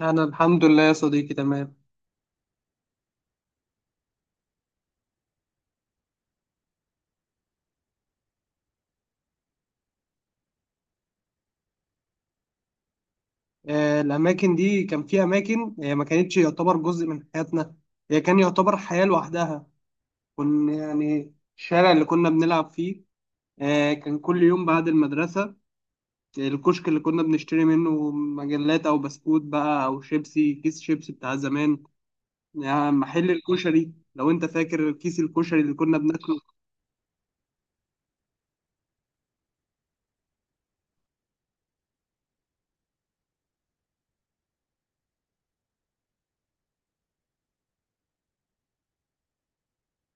أنا الحمد لله يا صديقي تمام. الأماكن دي كان في أماكن هي ما كانتش يعتبر جزء من حياتنا. هي كان يعتبر حياة لوحدها. كنا يعني الشارع اللي كنا بنلعب فيه، كان كل يوم بعد المدرسة. الكشك اللي كنا بنشتري منه مجلات أو بسكوت بقى أو كيس شيبسي بتاع زمان. يعني محل الكشري لو أنت فاكر كيس الكشري اللي كنا بناكله.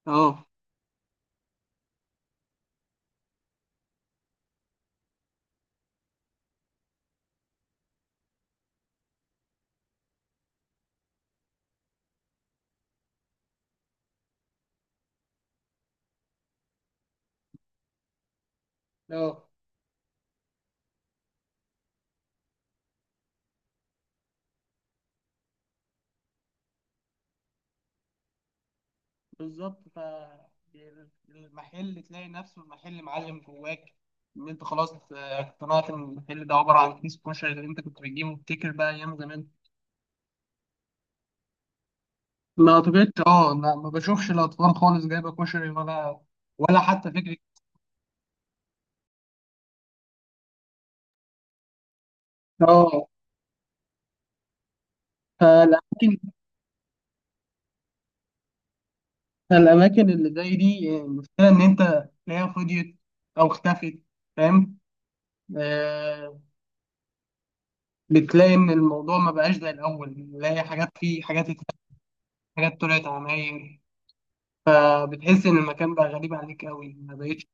اه، اه، بالظبط. ف المحل تلاقي نفسه، المحل معلم جواك، ان انت خلاص اقتنعت ان المحل ده عباره عن كيس كشري اللي انت كنت بتجيبه وبتفتكر بقى ايام زمان. ما اعتقدش، اه، لا، ما بشوفش الاطفال خالص جايبه كشري، ولا حتى فكره. اه، فالاماكن فالاماكن اللي زي دي، المشكله ان انت تلاقيها فضيت او اختفت. فاهم؟ آه بتلاقي ان الموضوع ما بقاش زي الاول، بتلاقي حاجات، فيه حاجات اتلغت، حاجات طلعت عماير، فبتحس ان المكان بقى غريب عليك قوي، ما بقتش.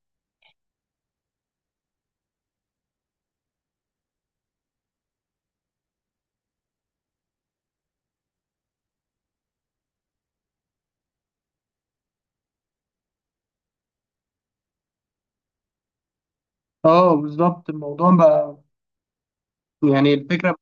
اه، بالظبط. الموضوع بقى يعني الفكره.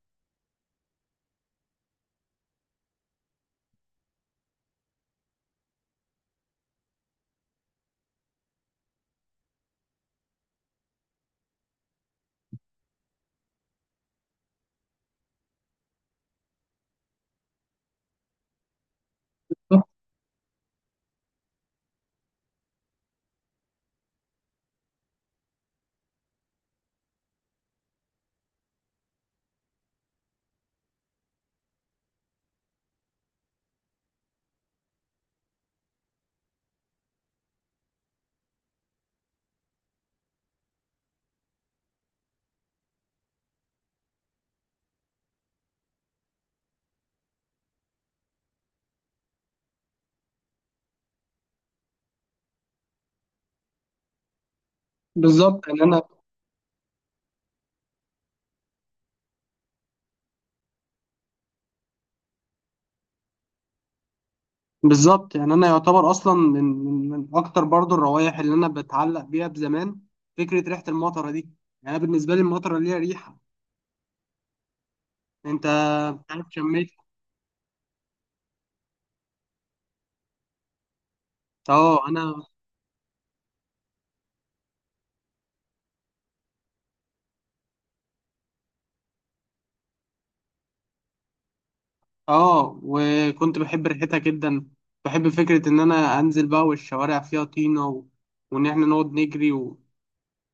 بالظبط، ان انا. بالظبط، يعني انا يعتبر اصلا من اكتر برضو الروائح اللي انا بتعلق بيها بزمان، فكره ريحه المطره دي. يعني أنا بالنسبه لي المطره ليها ريحه. انت مش عارف شميتها. اه، انا اه وكنت بحب ريحتها جدا، بحب فكره ان انا انزل بقى والشوارع فيها طينه وان احنا نقعد نجري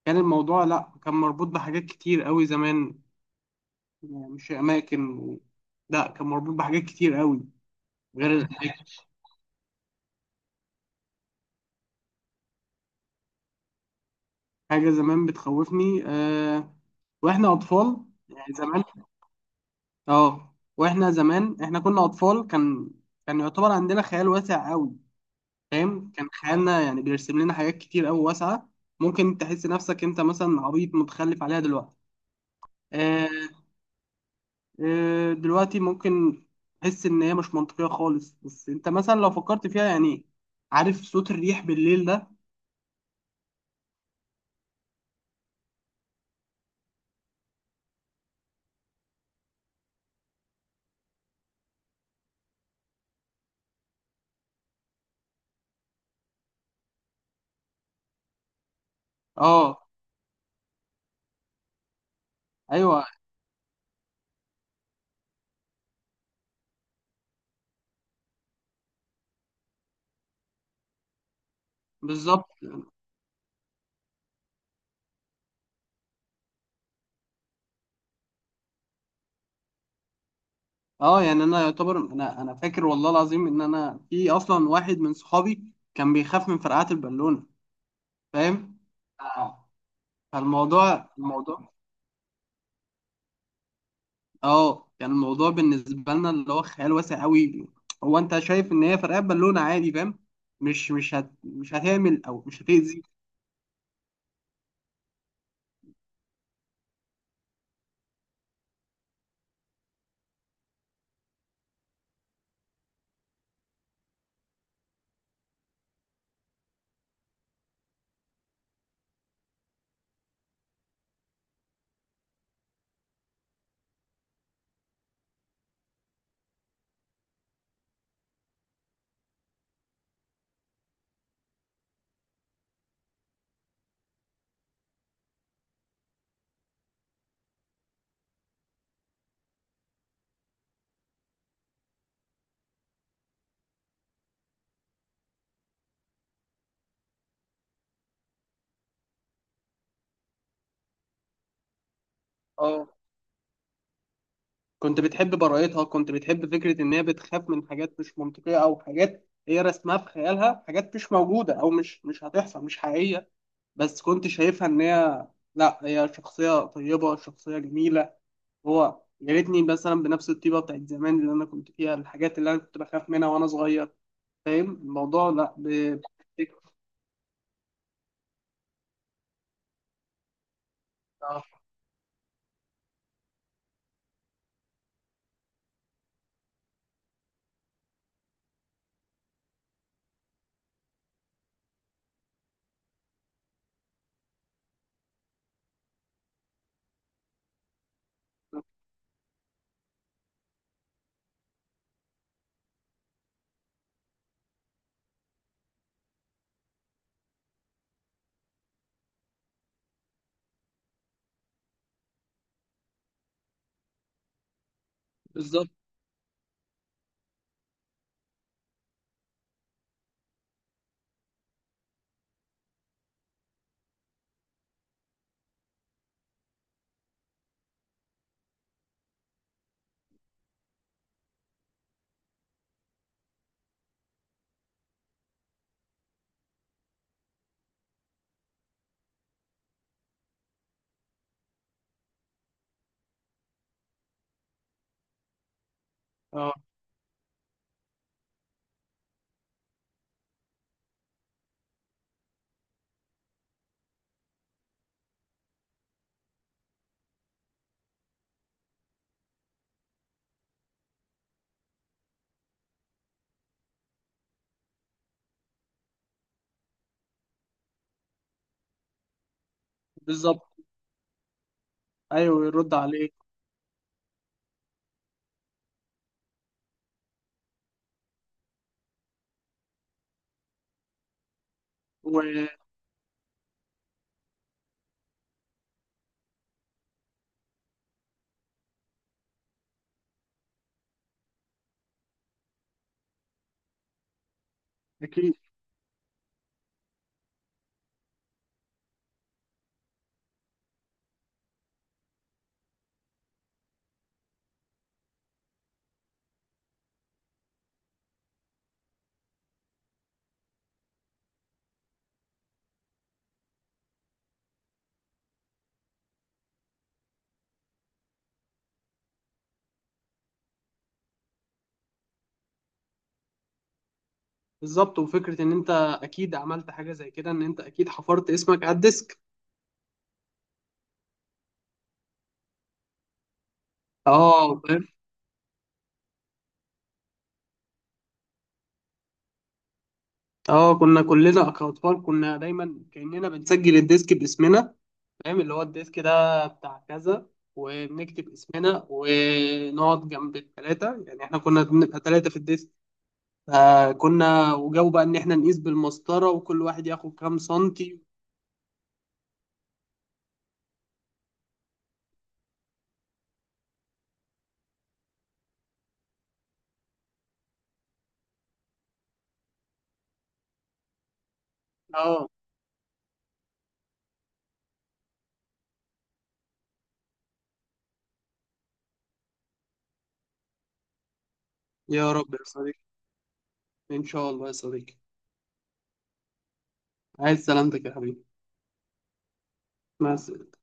كان الموضوع لا، كان مربوط بحاجات كتير قوي زمان. يعني مش اماكن لا، كان مربوط بحاجات كتير قوي غير الاماكن. حاجه زمان بتخوفني واحنا اطفال. يعني زمان، اه، واحنا زمان احنا كنا اطفال، كان يعتبر عندنا خيال واسع قوي. فاهم؟ كان خيالنا يعني بيرسم لنا حاجات كتير قوي واسعه. ممكن تحس نفسك انت مثلا عبيط متخلف عليها دلوقتي. آه... دلوقتي ممكن تحس ان هي مش منطقيه خالص، بس انت مثلا لو فكرت فيها يعني. عارف صوت الريح بالليل ده؟ اه، ايوه، بالظبط. اه، يعني انا يعتبر انا فاكر والله العظيم ان انا في اصلا واحد من صحابي كان بيخاف من فرقعات البالونه. فاهم؟ آه. فالموضوع الموضوع اه، يعني الموضوع بالنسبه لنا اللي هو خيال واسع قوي. هو انت شايف ان هي فرقعات بالونه عادي. فاهم؟ مش هتعمل، او مش هتأذي. اه، كنت بتحب براءتها، كنت بتحب فكره ان هي بتخاف من حاجات مش منطقيه، او حاجات هي رسمها في خيالها، حاجات مش موجوده او مش هتحصل، مش حقيقيه. بس كنت شايفها ان هي، لا، هي شخصية طيبة، شخصية جميلة. هو يا ريتني مثلا بنفس الطيبة بتاعت زمان اللي انا كنت فيها، الحاجات اللي انا كنت بخاف منها وانا صغير. فاهم الموضوع؟ لا. آه، بالظبط. اه، بالظبط، ايوه، يرد عليك. واكيد. بالظبط، وفكرة ان انت اكيد عملت حاجة زي كده، ان انت اكيد حفرت اسمك على الديسك. اه، فاهم. اه، كنا كلنا كأطفال كنا دايما كأننا بنسجل الديسك باسمنا. فاهم، اللي هو الديسك ده بتاع كذا، وبنكتب اسمنا ونقعد جنب الثلاثة. يعني احنا كنا بنبقى ثلاثة في الديسك، فكنا وجاوا بقى ان احنا نقيس بالمسطرة وكل واحد ياخد كام سنتي. اه. يا رب يا صديقي، ان شاء الله يا صديقي. عايز سلامتك يا حبيبي. مع السلامة.